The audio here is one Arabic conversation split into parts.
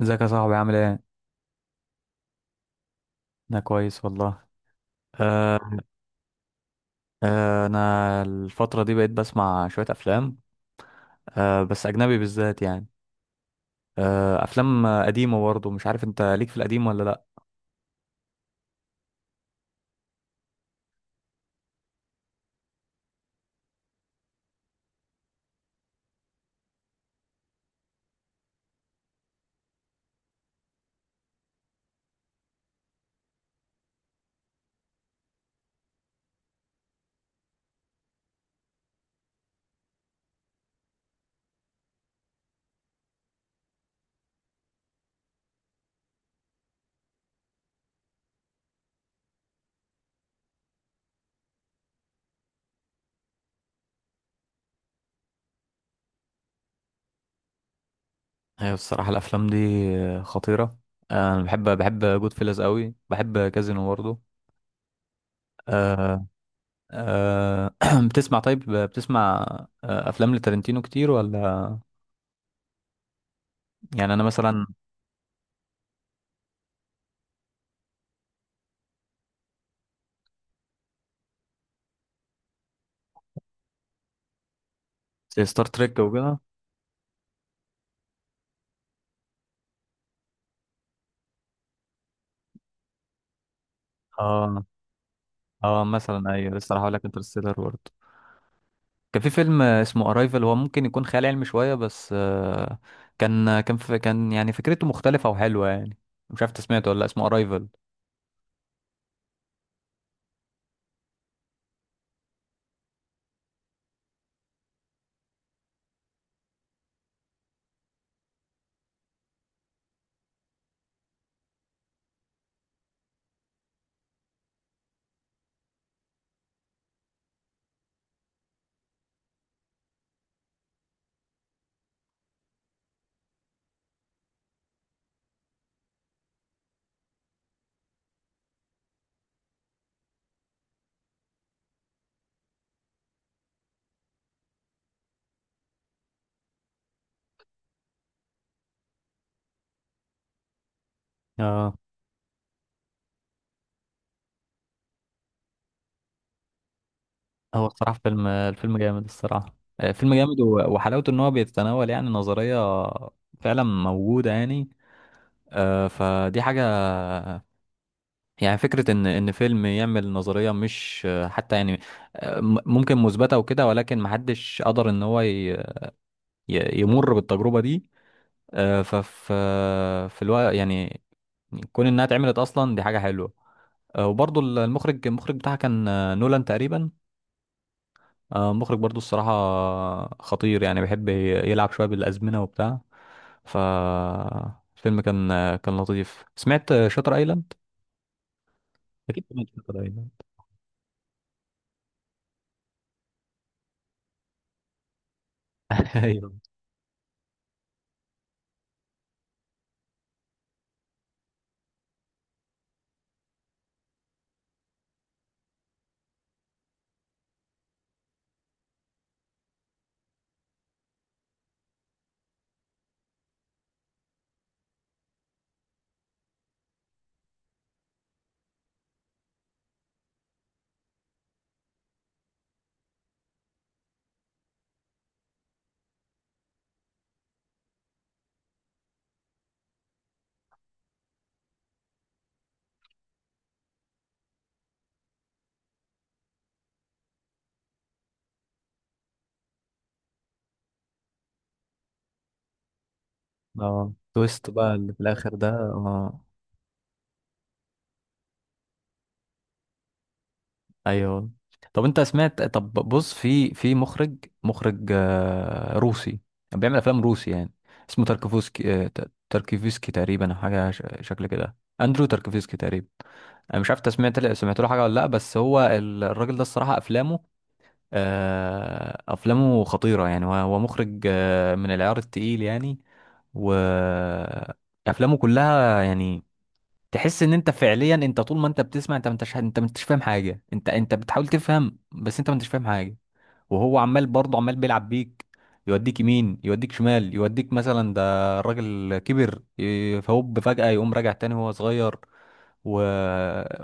ازيك يا صاحبي عامل ايه؟ انا كويس والله. آه انا الفترة دي بقيت بسمع شوية افلام. بس اجنبي بالذات يعني. افلام قديمة برضه، مش عارف انت ليك في القديم ولا لا؟ هي الصراحة الافلام دي خطيرة. انا بحب جود فيلز قوي، بحب كازينو برضه. آه آه بتسمع؟ طيب، بتسمع افلام لتارنتينو كتير ولا؟ يعني انا مثلا زي ستار تريك وكده. اه اه، مثلا ايوه، لسه راح اقول لك انترستيلر برضه. كان في فيلم اسمه ارايفل، هو ممكن يكون خيال علمي شويه بس، كان يعني فكرته مختلفه وحلوه يعني. مش عارف انت سمعته ولا لأ، اسمه ارايفل. اه. هو الصراحه، الفيلم جامد الصراحه. فيلم جامد، و- وحلاوته ان هو بيتناول يعني نظريه فعلا موجوده يعني. فدي حاجه. يعني فكره ان فيلم يعمل نظريه مش حتى يعني ممكن مثبته وكده، ولكن محدش قدر ان هو يمر بالتجربه دي. آه، ففي في الوقت يعني، كون انها اتعملت اصلا دي حاجه حلوه. وبرضو المخرج بتاعها كان نولان تقريبا. مخرج برضو الصراحه خطير، يعني بيحب يلعب شويه بالازمنه وبتاع. ف الفيلم كان كان لطيف. سمعت شاتر ايلاند؟ اكيد سمعت شاتر ايلاند. ايوه. اه، تويست بقى اللي في الاخر ده، اه. ايوه. طب انت سمعت؟ طب بص، في مخرج، مخرج روسي، بيعمل افلام روسي يعني، اسمه تاركوفسكي. تاركوفسكي تقريبا، او حاجه شكل كده، اندرو تاركوفسكي تقريبا. انا مش عارف انت سمعت له حاجه ولا لا؟ بس هو الراجل ده، الصراحه افلامه افلامه خطيره يعني. هو مخرج من العيار التقيل يعني. و افلامه كلها يعني تحس ان انت فعليا، انت طول ما انت بتسمع، انت ما انتش فاهم حاجه. انت بتحاول تفهم بس انت ما انتش فاهم حاجه، وهو عمال برضه، عمال بيلعب بيك. يوديك يمين، يوديك شمال، يوديك مثلا. ده الراجل كبر فهوب فجأة يقوم راجع تاني وهو صغير، و...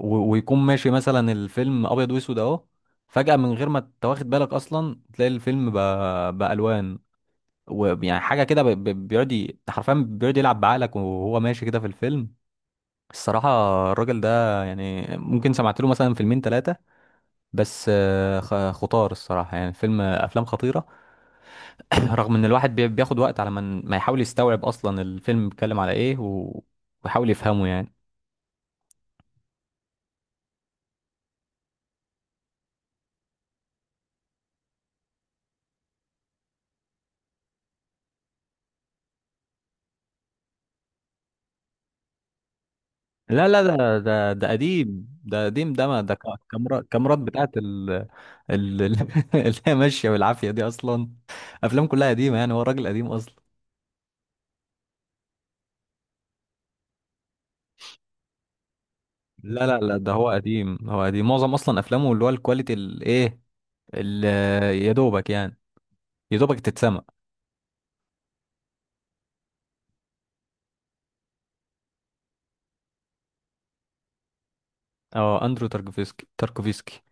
ويكون ماشي مثلا الفيلم ابيض واسود اهو، فجأة من غير ما تواخد بالك اصلا تلاقي الفيلم بقى بألوان. ويعني حاجة كده بيقعد حرفيا بيقعد يلعب بعقلك وهو ماشي كده في الفيلم الصراحة. الراجل ده يعني ممكن سمعت له مثلا فيلمين ثلاثة، بس خطار الصراحة يعني. أفلام خطيرة. رغم إن الواحد بياخد وقت على ما ما يحاول يستوعب أصلا الفيلم بيتكلم على إيه، ويحاول يفهمه يعني. لا لا، ده قديم، ده قديم، ده ما ده كاميرا، كاميرات بتاعت ال- اللي هي ماشية بالعافية دي أصلا. أفلام كلها قديمة يعني، هو راجل قديم أصلا. لا لا لا، ده هو قديم، هو قديم معظم أصلا أفلامه. اللي هو الكواليتي الإيه، ال- يا دوبك يعني، يا دوبك تتسمع. اه، اندرو تاركوفسكي، تاركوفسكي.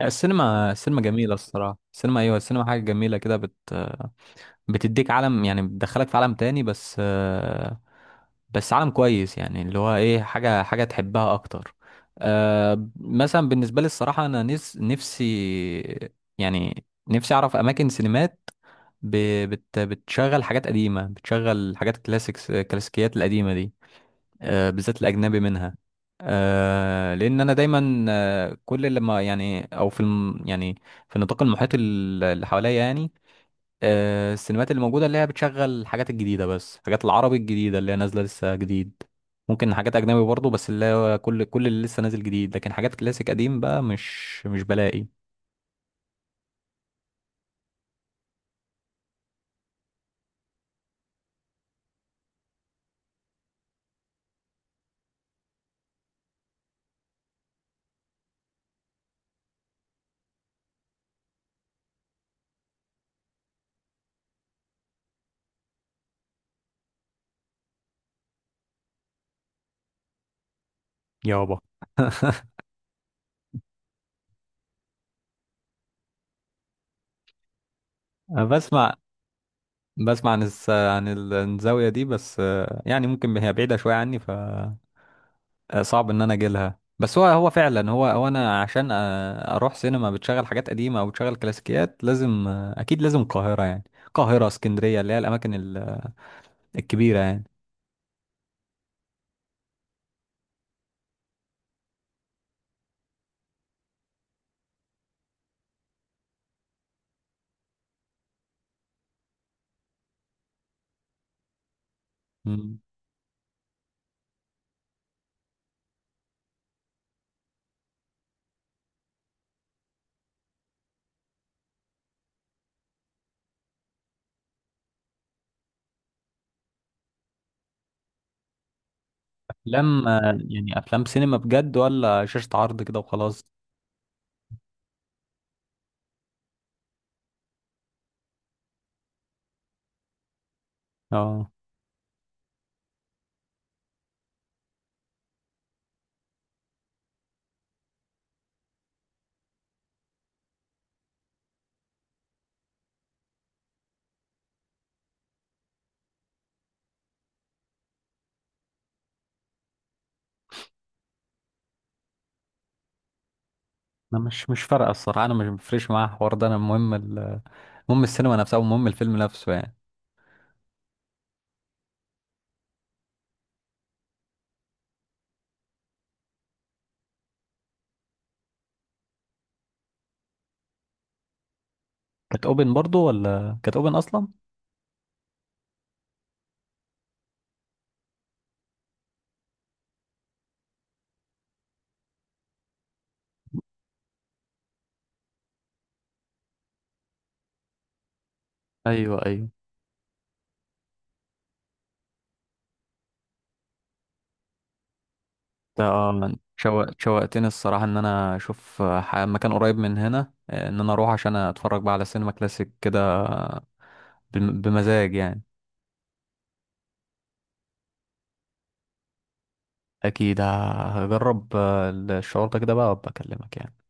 لا، السينما جميلة الصراحة. السينما، ايوه السينما حاجة جميلة كده. بتديك عالم يعني، بتدخلك في عالم تاني، بس بس عالم كويس يعني، اللي هو ايه، حاجة تحبها اكتر. مثلا بالنسبة لي الصراحة انا نفسي، يعني نفسي اعرف اماكن سينمات ب- بت بتشغل حاجات قديمة، بتشغل حاجات كلاسيكس، الكلاسيكيات القديمة دي، بالذات الأجنبي منها. لأن أنا دايما كل لما يعني، أو في يعني في النطاق المحيط اللي حواليا يعني، السينمات اللي موجودة اللي هي بتشغل الحاجات الجديدة، بس الحاجات العربي الجديدة اللي هي نازلة لسه جديد. ممكن حاجات أجنبي برضه، بس اللي هو كل اللي لسه نازل جديد، لكن حاجات كلاسيك قديم بقى مش بلاقي. يابا. أنا بسمع، عن عن الزاوية دي، بس يعني ممكن هي بعيدة شوية عني. ف صعب ان انا اجي لها. بس هو فعلا، هو انا عشان اروح سينما بتشغل حاجات قديمه او بتشغل كلاسيكيات لازم اكيد لازم القاهره، يعني القاهره، اسكندريه، اللي هي الاماكن الكبيره يعني. مم. افلام، يعني افلام سينما بجد ولا شاشه عرض كده وخلاص؟ اه، انا مش فارقه الصراحه. انا مش مفرش معايا الحوار ده، انا المهم المهم السينما نفسها، ومهم الفيلم نفسه يعني. كانت اوبن برضو ولا كانت اوبن اصلا؟ ايوه ايوه. اه، شوقتني الصراحة ان انا اشوف مكان قريب من هنا، ان انا اروح عشان اتفرج بقى على سينما كلاسيك كده، بمزاج يعني. اكيد هجرب الشعور ده كده بقى، وابقى اكلمك يعني.